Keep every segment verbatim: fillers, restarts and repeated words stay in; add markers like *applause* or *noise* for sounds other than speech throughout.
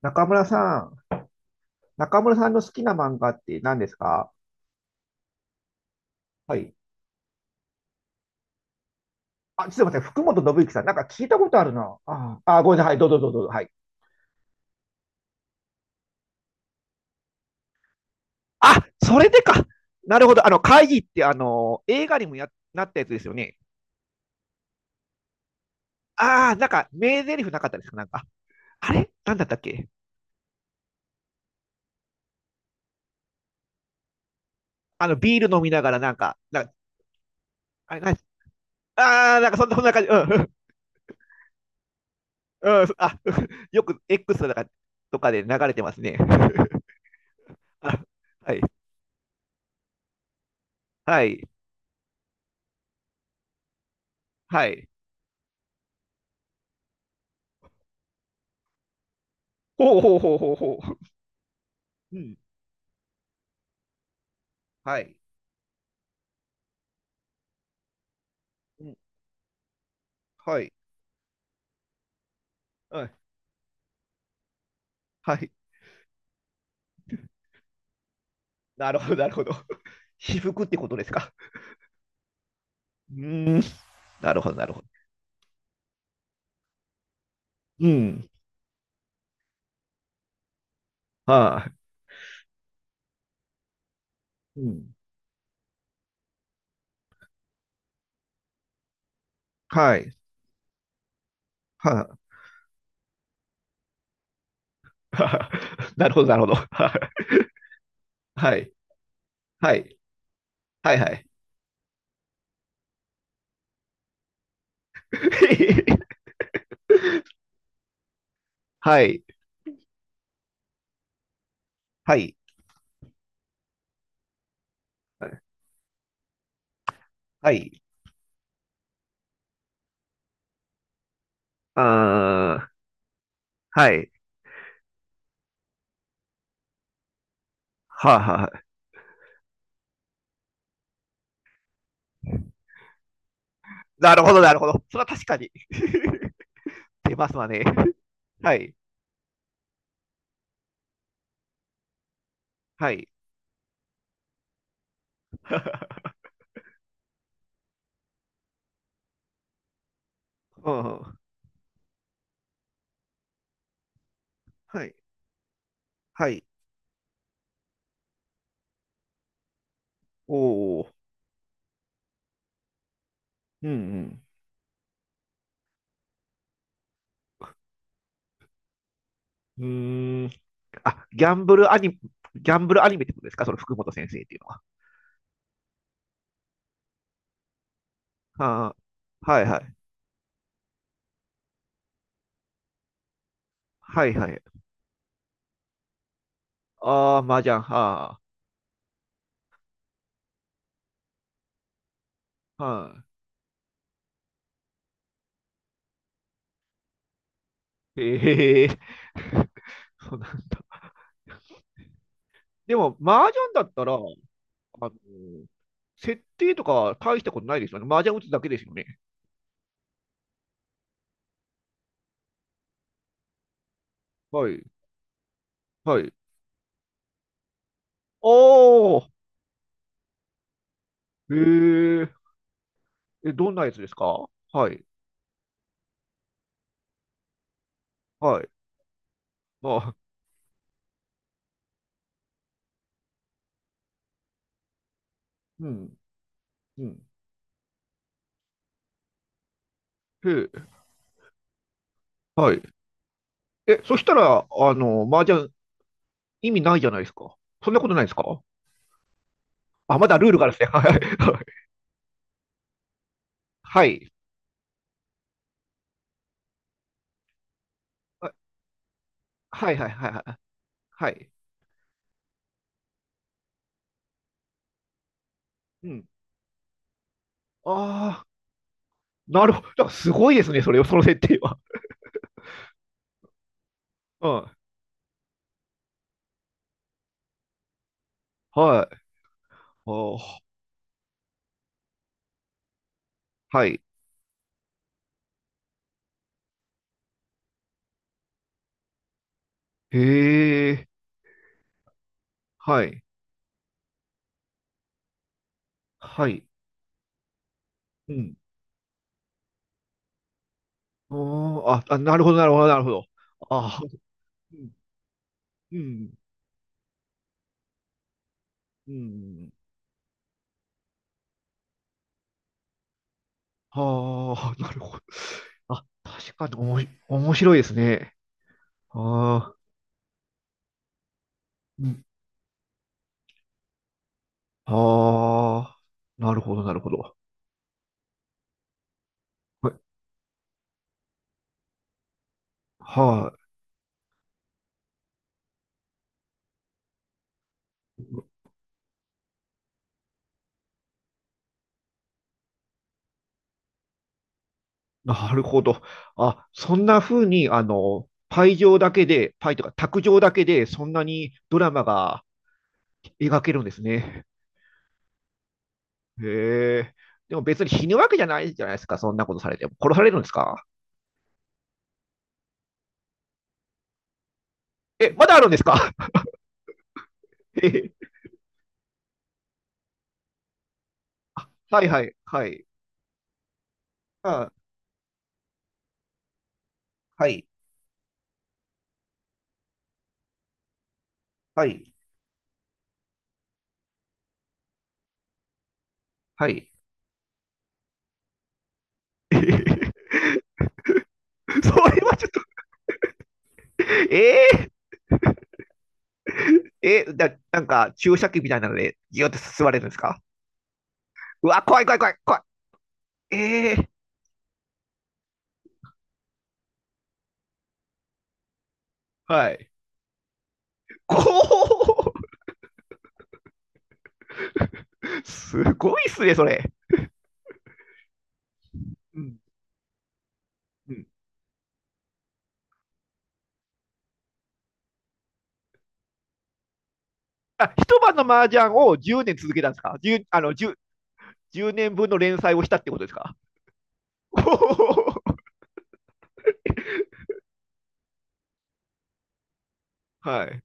中村さん、中村さんの好きな漫画って何ですか？はい。あ、ちょっと待って、福本信之さん、なんか聞いたことあるな。ああ、ごめんなさい、どうぞどうぞどうぞ。はい。あ、それでか。なるほど。あの、会議って、あの、映画にもや、なったやつですよね。ああ、なんか、名台詞なかったですかなんか。あれなんだったっけ？あの、ビール飲みながら、なんか、なんか、あれ、なんかあー、なんかそんな、そんな感じ。うん、うん、うんあ、*laughs* よく X とかとかで流れてますね。*laughs* あはい、はい、はい。ほうほうほうほうほう。うん。はい。うん。はい。はい。はい。*laughs* なるほど、なるほど。*laughs* 私服ってことですか。うーん。なるほど、なるほど。うん。はい。うん。はい。はい。*laughs* なるほど、なるほど。*laughs* はい。はい。はい、はい。*laughs* はい。はい。はい。あーはい。はあ、はあ。なるほど、なるほど。それは確かに。*laughs* 出ますわね。はい。はい。*laughs* うんうんはい。はい。おお。うんうん。うーん。あ、ギャンブルアニメ、ギャンブルアニメってことですかその福本先生っていうのは。はあ、はいはい。はいはい。ああ、麻雀。はあ、はい。ええ *laughs* そうなんだ。でも、麻雀だったら、あの、設定とかは大したことないですよね。麻雀打つだけですよね。はい。はい。おー、えええ、どんなやつですか？はい。はい。あ、うん。うん。へえ、はい。え、そしたら、あの、麻雀意味ないじゃないですか。そんなことないですか？あ、まだルールがあるんですね。*laughs* はいはい。はい。はいはいはいはい。はい。うん。ああ、なるほど。だからすごいですね、それ、その設定は。うん。はい。ああ、はい。へえ。はい。はい。うん。うーん。あ、あ、なるほど、なるほど、なるほど。ああ、うん。うん。うん。はあ、なるほど。あ、確かにおもし面白いですね。ああ。ああ、なるほど、なるほど。はい、はいなるほど。あ、そんな風に、あの、パイ上だけで、パイとか卓上だけで、そんなにドラマが描けるんですね。へえ。でも別に死ぬわけじゃないじゃないですか、そんなことされても。殺されるんですか？え、まだあるんですか？ *laughs* えへはいはいはい。あ、はいはいはい。*laughs* えへへそれはちょっと、ええ *laughs* え、だ、なんか注射器みたいなので、ギュって吸われるんですか？うわ、怖い怖い怖い怖い。えー、はい。こう、すごいっすね、それ。うんうんあ、一晩の麻雀をじゅうねん続けたんですか？ じゅう、あの、じゅう、年分の連載をしたってことですか？ *laughs* はい。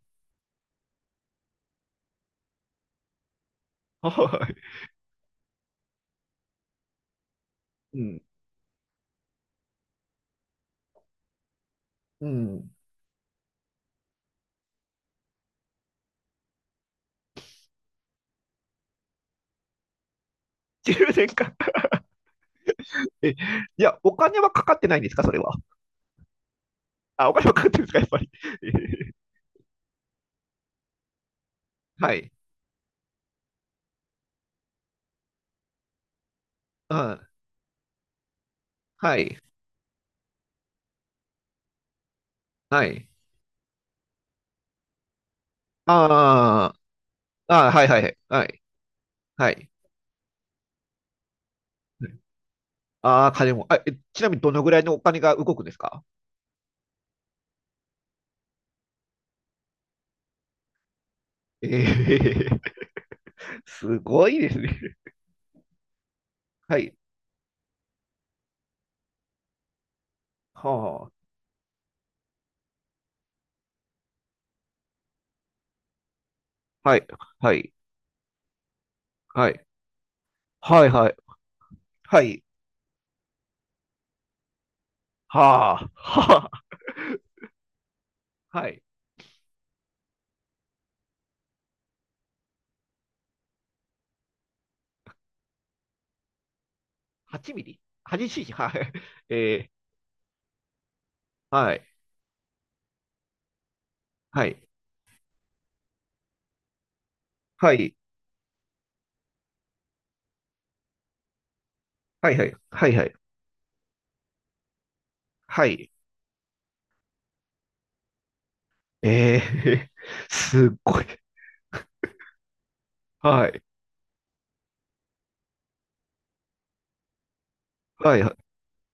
はい。うん。うん。じゅうねんかん。え、いや、お金はかかってないんですかそれは。あ、お金はかかってるんですかやっぱり。*laughs* はい。うん。はい。はい。あああ、はいはいはいはい。はい。ああ、金も。あ、えちなみにどのぐらいのお金が動くんですか？ええ *laughs* すごいですね。はい。はあ。はい。はい。はい。はいはい。はい。はあ。はあ。はい。はちミリ？ はちセンチ？ はい。えー、はい。はい。はい。はい。はい。はい。はい。はい。えー、*laughs* すっごい。はい。はい。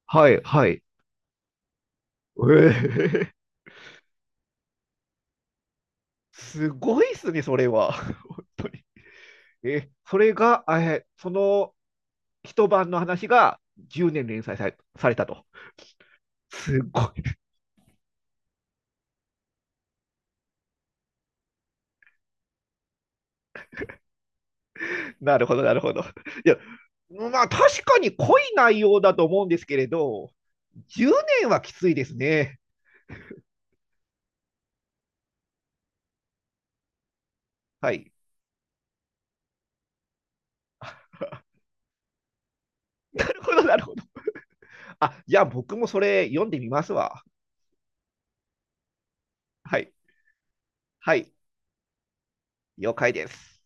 はい。はい。えー、すごいっすね、それは。*laughs* え、それが、え、その一晩の話がじゅうねん連載され、されたと。すごい。*laughs* なるほど、なるほど。いや、まあ確かに濃い内容だと思うんですけれど、じゅうねんはきついですね。はい。なるほど、なるほど。あ、じゃあ僕もそれ読んでみますわ。はい。はい。了解です。